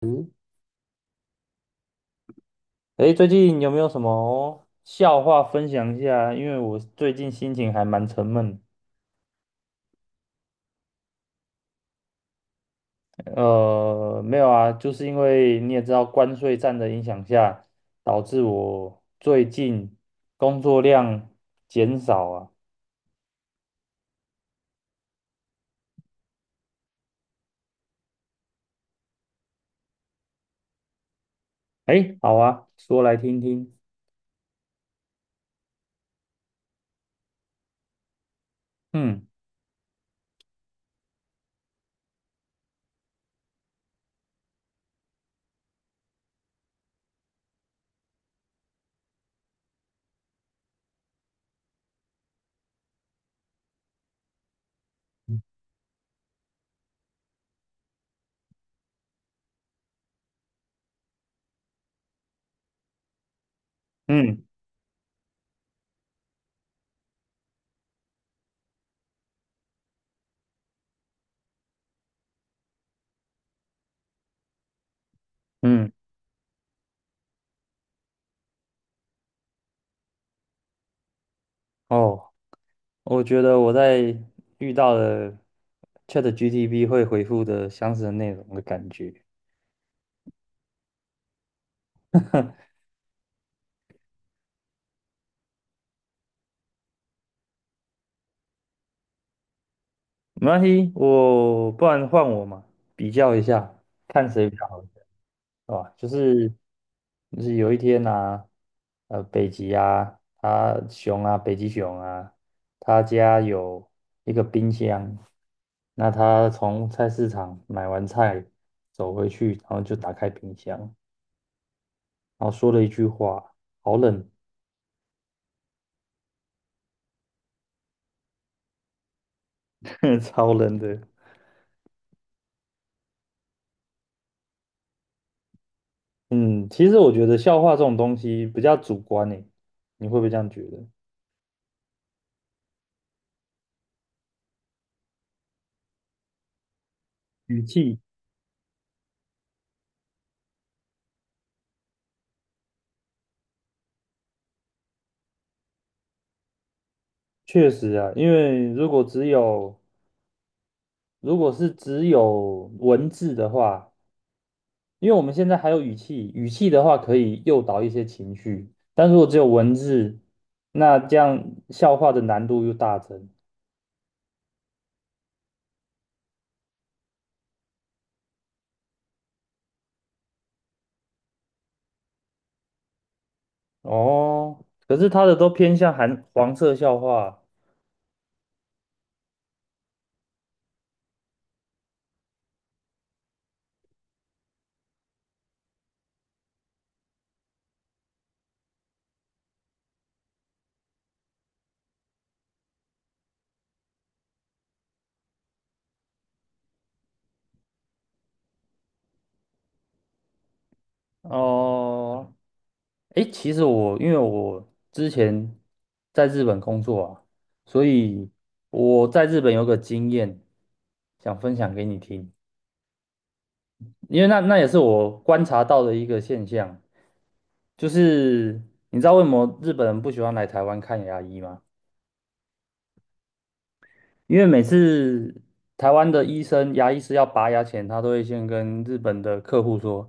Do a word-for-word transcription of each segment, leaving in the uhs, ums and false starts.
嗯，诶，最近有没有什么笑话分享一下？因为我最近心情还蛮沉闷。呃，没有啊，就是因为你也知道关税战的影响下，导致我最近工作量减少啊。诶，好啊，说来听听。嗯嗯嗯，哦，我觉得我在遇到了 ChatGPT 会回复的相似的内容的感觉。没关系，我不然换我嘛，比较一下，看谁比较好，对吧？就是就是有一天啊，呃，北极啊，它熊啊，北极熊啊，他家有一个冰箱，那他从菜市场买完菜走回去，然后就打开冰箱，然后说了一句话："好冷，超冷的。"嗯，其实我觉得笑话这种东西比较主观诶，你会不会这样觉得？语气。确实啊，因为如果只有如果是只有文字的话，因为我们现在还有语气，语气的话可以诱导一些情绪，但如果只有文字，那这样笑话的难度又大增。哦，可是他的都偏向含黄色笑话。哦，诶，其实我因为我之前在日本工作啊，所以我在日本有个经验，想分享给你听。因为那那也是我观察到的一个现象，就是你知道为什么日本人不喜欢来台湾看牙医吗？因为每次台湾的医生、牙医是要拔牙前，他都会先跟日本的客户说：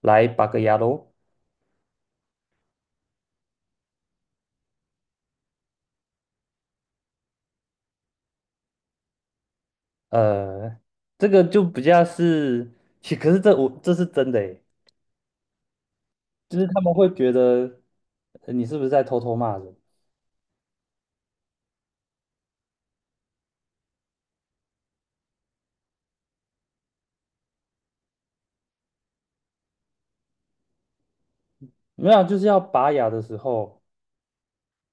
“来拔个牙喽。"呃，这个就比较是，其可是这我这是真的诶，就是他们会觉得呃你是不是在偷偷骂人？没有啊，就是要拔牙的时候。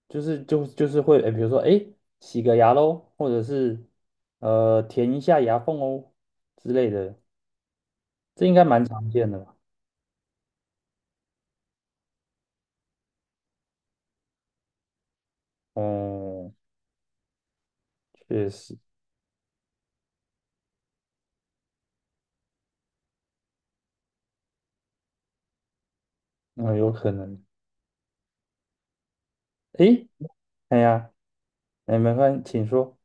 就是就就是会，哎，比如说，哎，洗个牙喽，或者是呃填一下牙缝哦之类的，这应该蛮常见的吧？哦，确实，嗯，有可能。哎，哎呀，哎，没关系，请说。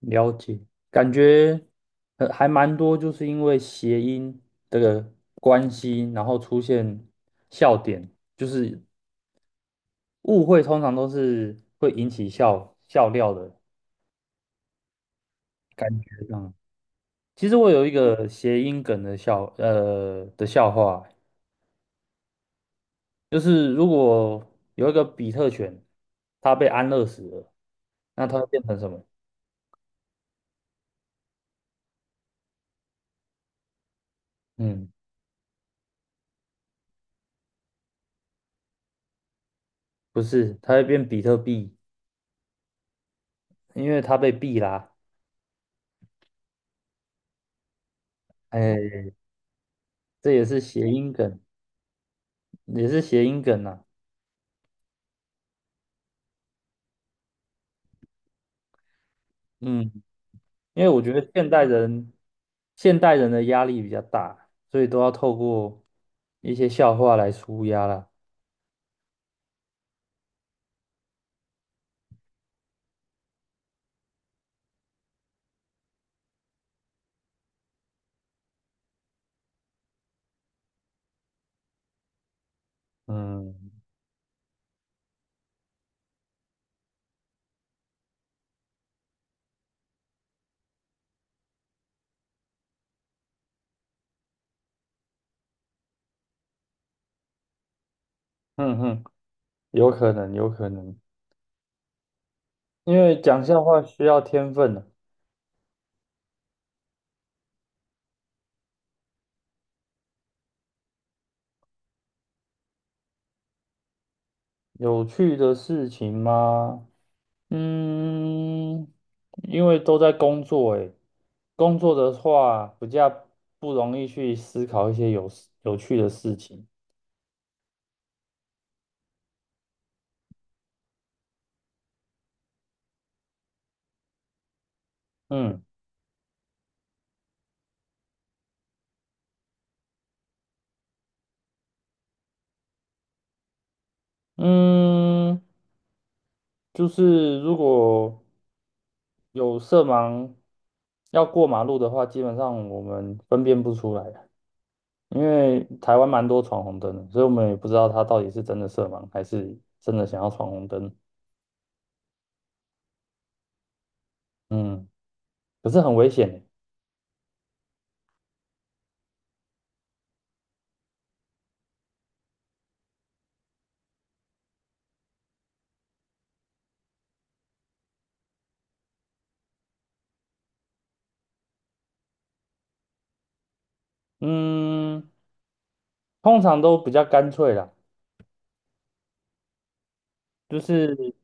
了解，感觉呃还蛮多，就是因为谐音这个关系，然后出现笑点，就是误会，通常都是会引起笑笑料的感觉上。其实我有一个谐音梗的笑，呃的笑话，就是如果有一个比特犬，它被安乐死了，那它会变成什么？嗯，不是，它会变比特币，因为它被币啦。哎，这也是谐音梗，也是谐音梗呐、嗯，因为我觉得现代人，现代人的压力比较大，所以都要透过一些笑话来舒压啦。嗯哼哼，有可能，有可能。因为讲笑话需要天分啊有趣的事情吗？嗯，因为都在工作诶，工作的话比较不容易去思考一些有有趣的事情。嗯嗯，就是如果有色盲要过马路的话，基本上我们分辨不出来啊，因为台湾蛮多闯红灯的，所以我们也不知道他到底是真的色盲还是真的想要闯红灯。嗯。可是很危险欸。嗯，通常都比较干脆啦，就是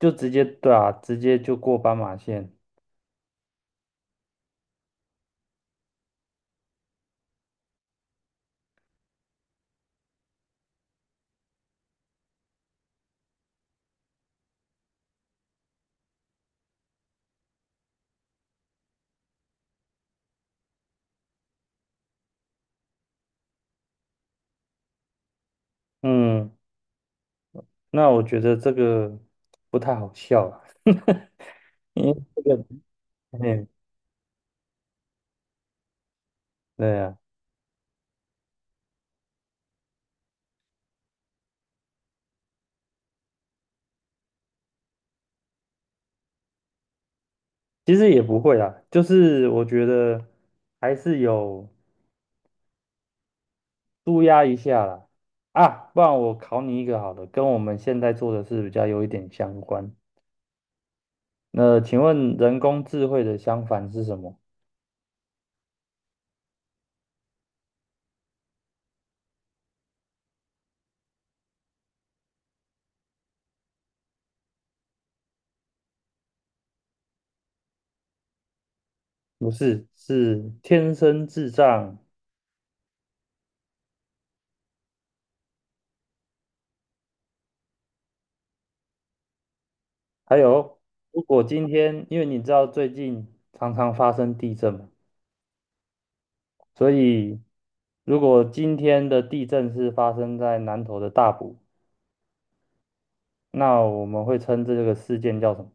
就直接对啊，直接就过斑马线。嗯，那我觉得这个不太好笑啦，因为这个，嗯，对啊，其实也不会啦，就是我觉得还是有舒压一下啦。啊，不然我考你一个好了，跟我们现在做的事比较有一点相关。那请问人工智慧的相反是什么？不是，是天生智障。还有，如果今天，因为你知道最近常常发生地震嘛，所以如果今天的地震是发生在南投的大埔，那我们会称这个事件叫什么？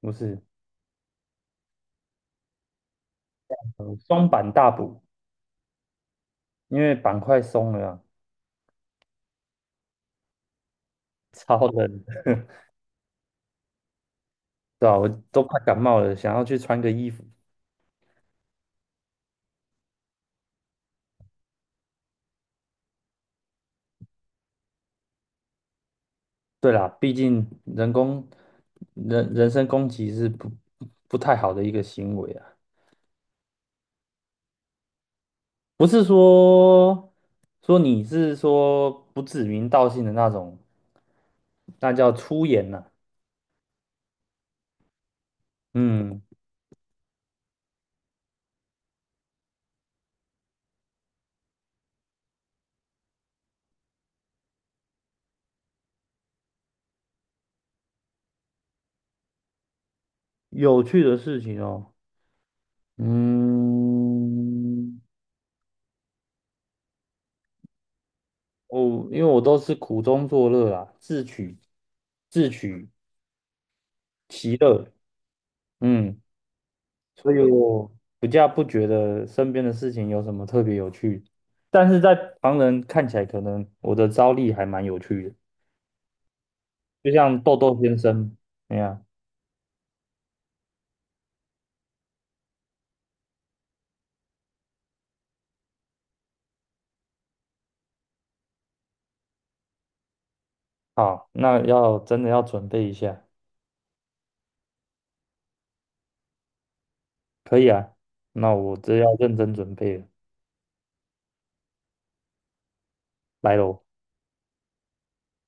不是，呃，松板大补，因为板块松了啊，超冷的，对吧？我都快感冒了，想要去穿个衣服。对啦，毕竟人工人人身攻击是不不太好的一个行为啊。不是说说你是说不指名道姓的那种，那叫粗言呐、嗯，有趣的事情哦。嗯，我因为我都是苦中作乐啊，自取自取其乐。嗯，所以我比较不觉得身边的事情有什么特别有趣，但是在旁人看起来，可能我的招力还蛮有趣的，就像豆豆先生那样。好，那要真的要准备一下，可以啊。那我这要认真准备了，来喽。